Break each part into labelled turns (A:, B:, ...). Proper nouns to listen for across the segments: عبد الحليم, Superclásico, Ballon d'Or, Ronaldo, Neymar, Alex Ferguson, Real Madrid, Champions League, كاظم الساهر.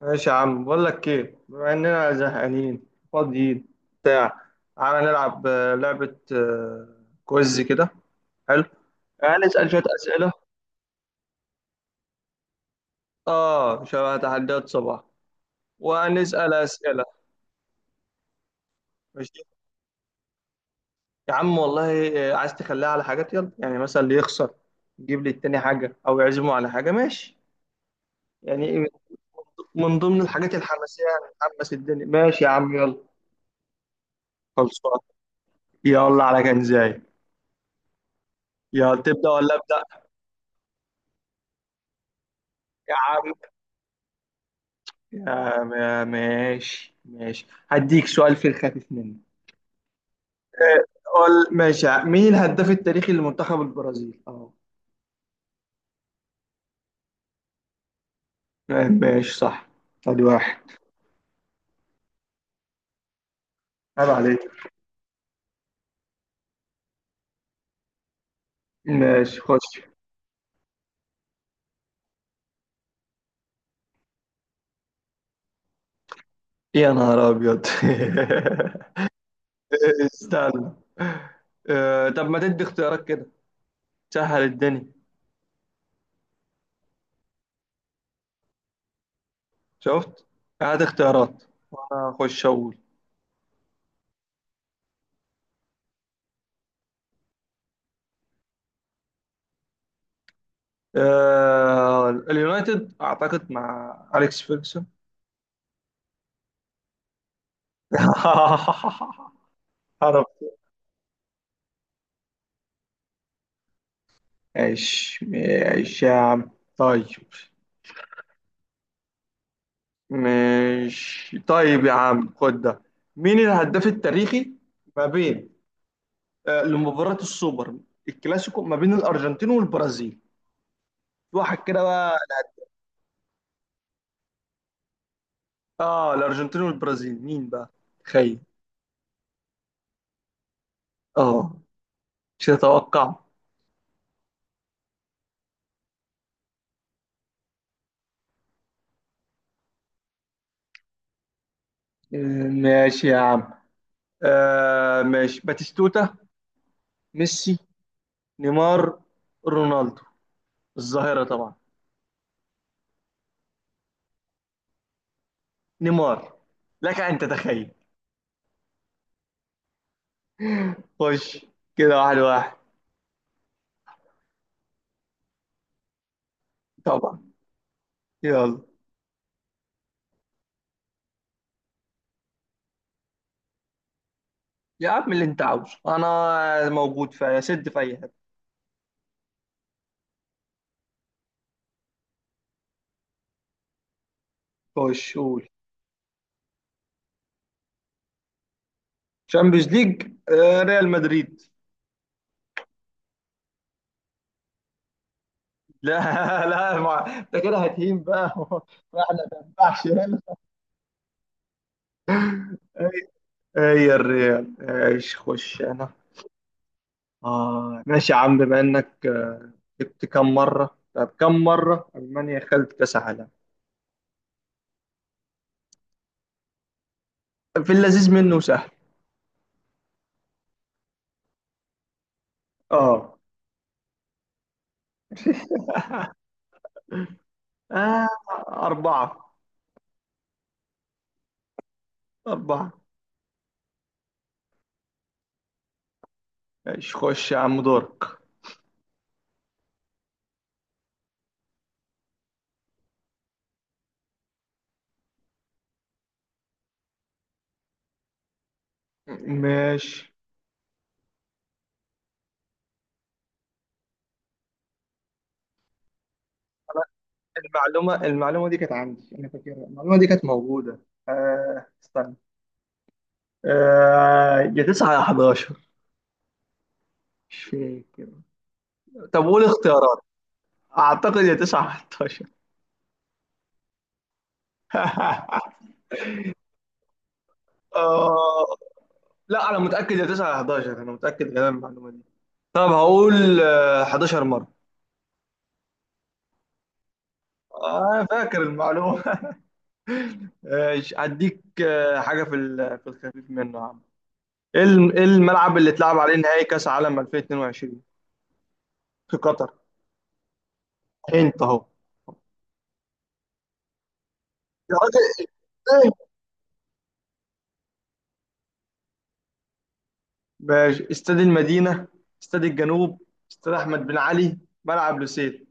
A: ماشي يا عم، بقول لك ايه، بما اننا زهقانين فاضيين بتاع. تعالى نلعب لعبة كويز كده. حلو، هنسأل شوية أسئلة. اه شبه تحديات صباح وهنسأل أسئلة. ماشي يا عم والله، عايز تخليها على حاجات يلا، يعني مثلا اللي يخسر يجيب للتاني حاجة أو يعزمه على حاجة. ماشي يعني إيه، من ضمن الحاجات الحماسية، يعني نحمس الدنيا. ماشي يا عم يلا، خلصان، يلا على كنزاي. يلا تبدأ ولا أبدأ؟ يا عم، يا ما- ماشي ماشي، هديك سؤال في الخفيف منه. آه، ماشي، مين الهداف التاريخي لمنتخب البرازيل؟ اه. ماشي صح، ادي واحد. عيب عليك. ماشي خش. يا نهار ابيض. استنى. طب ما تدي اختيارات كده، سهل الدنيا. شفت؟ هات اختيارات وانا اخش اقول. اليونايتد اعتقد مع اليكس فيرجسون. عرفت. ماشي يا عم. طيب، ماشي طيب يا عم، خد ده. مين الهداف التاريخي ما بين، آه، لمباراة السوبر الكلاسيكو ما بين الأرجنتين والبرازيل؟ في واحد كده بقى. اه الأرجنتين والبرازيل، مين بقى؟ تخيل. اه، مش هتوقع. آه، ماشي يا عم. آه ماشي، باتيستوتا، ميسي، نيمار، رونالدو الظاهرة طبعا. نيمار، لك أن تتخيل. خش كده واحد واحد. طبعا يلا. يا عم، اللي انت عاوزه انا موجود في سد في اي حته. خش قول. شامبيونز ليج، ريال مدريد. لا. لا ما انت كده هتهين بقى. ما احنا ما ينفعش يلا. هي الريال ايش، خش انا. اه ماشي يا عم، بما انك، جبت كم مره، طب كم مره المانيا خدت كاس عالم؟ في اللذيذ منه سهل. اه. آه، أربعة. أربعة. ماشي خش يا عم دورك. ماشي. أنا، المعلومة دي كانت عندي أنا، فاكرها المعلومة دي، كانت موجودة. آه استنى. آه يا 9 يا 11، مش فاكر. طب قول اختيارات. أعتقد يا 9 يا 11. آه لا، أنا متأكد يا 9 يا 11، أنا متأكد من المعلومة دي. طب هقول آه 11 مرة. آه فاكر المعلومة. ماشي، هديك آه حاجة في الخفيف منه. إيه الملعب اللي اتلعب عليه نهائي كاس عالم 2022 في قطر؟ انت اهو. يا راجل ايه. ماشي، استاد المدينه، استاد الجنوب، استاد احمد بن علي، ملعب لوسيل.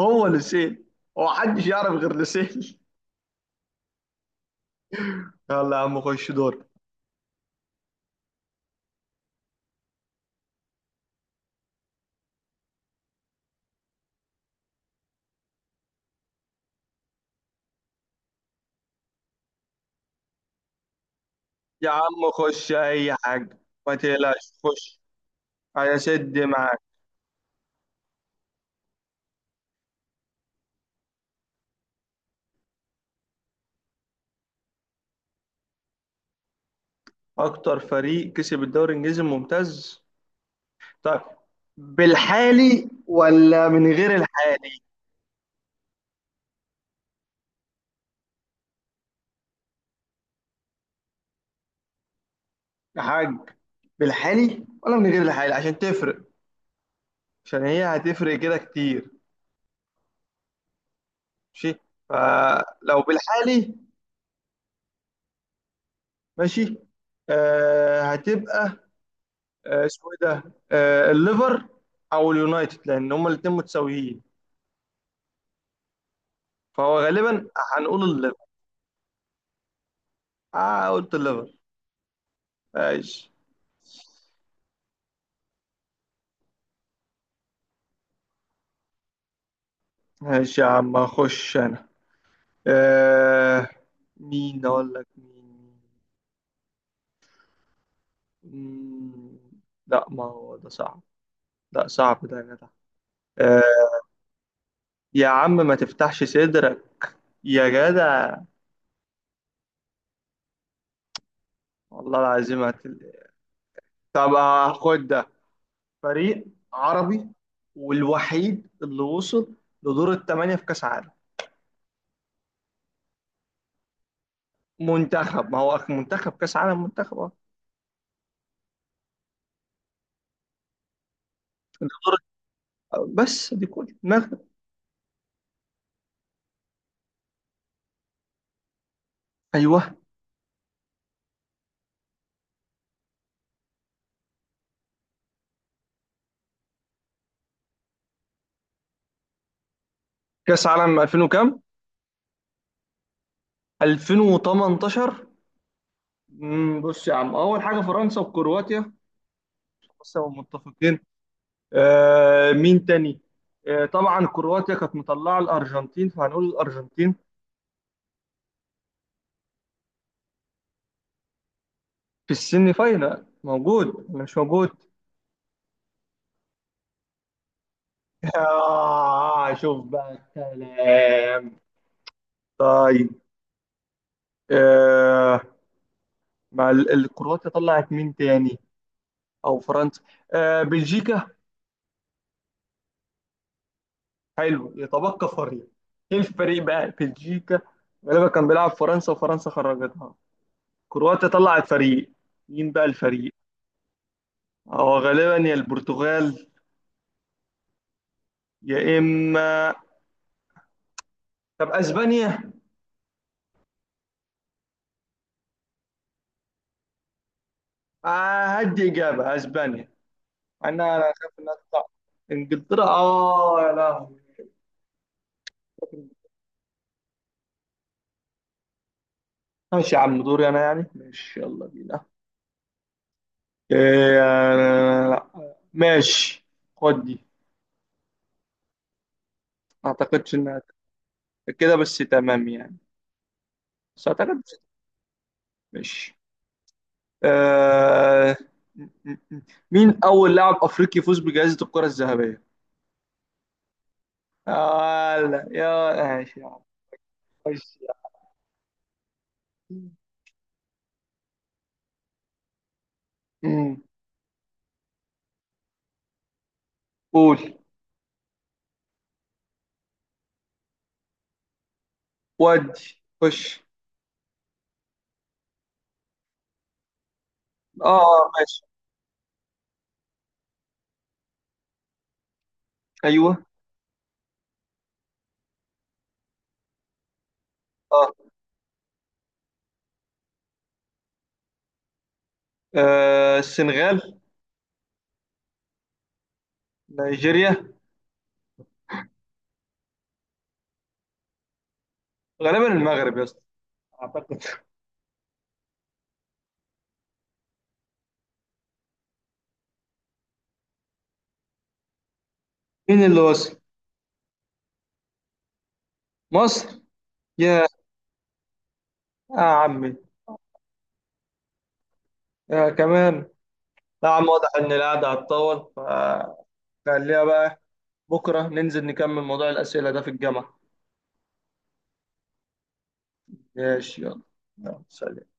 A: هو لوسيل، هو محدش يعرف غير لوسيل. يلا يا عم خش دور. يا عم خش اي حاجه، ما تقلقش، خش هيسد معاك. اكتر فريق كسب الدوري الانجليزي الممتاز؟ طيب، بالحالي ولا من غير الحالي؟ يا حاج، بالحالي ولا من غير الحالي عشان تفرق، عشان هي هتفرق كده كتير. ماشي، فلو بالحالي. ماشي، آه هتبقى، اسمه ايه ده، آه الليفر او اليونايتد، لان هما الاتنين متساويين. فهو غالبا هنقول الليفر. اه قلت الليفر. ماشي ماشي يا عم اخش انا. آه مين اقول لك مين. مم، لا ما هو ده صعب، لا صعب ده يا جدع. آه، يا عم ما تفتحش صدرك يا جدع. والله العظيم هتل... طب خد ده. فريق عربي والوحيد اللي وصل لدور الثمانية في كأس عالم. منتخب، ما هو منتخب كأس عالم منتخب أه. دور. بس دي كل المغرب؟ ايوه. كأس عالم 2000 وكام؟ 2018. مم، بص يا عم، اول حاجة فرنسا وكرواتيا، بس هم متفقين. آه مين تاني؟ آه طبعا كرواتيا كانت مطلعة الأرجنتين، فهنقول الأرجنتين. في السيمي فاينال موجود ولا مش موجود؟ آه شوف بقى الكلام. طيب، آه مع الكرواتيا طلعت مين تاني؟ او فرنسا؟ آه بلجيكا. حلو، يتبقى فريق. ايه الفريق بقى؟ بلجيكا غالبا كان بيلعب فرنسا، وفرنسا خرجتها. كرواتيا طلعت فريق، مين بقى الفريق؟ هو غالبا يا البرتغال يا اما، طب اسبانيا. آه هدي اجابه اسبانيا، مع انها انا خايف انها تطلع. انجلترا؟ اه يا لهوي. ماشي يا عم دوري انا يعني، ماشي يلا بينا. إيه. أنا... لا. ماشي، خد دي. ما اعتقدش انها كده بس، تمام يعني، بس اعتقد بس. ماشي. آه... م- م- م. مين اول لاعب افريقي يفوز بجائزة الكرة الذهبية؟ آه لا يا، ماشي يا عم. خش يا عم. مم. قول. ودي خش. اه ماشي. ايوه. اه السنغال. نيجيريا. غالبا المغرب يا اسطى، اعتقد. مين اللي وصل؟ مصر؟ يا يا عمي، يا كمان. لا يا عم، واضح ان القعده هتطول، فخليها بقى. بكره ننزل نكمل موضوع الاسئله ده في الجامعه. ماشي يلا، يلا سلام.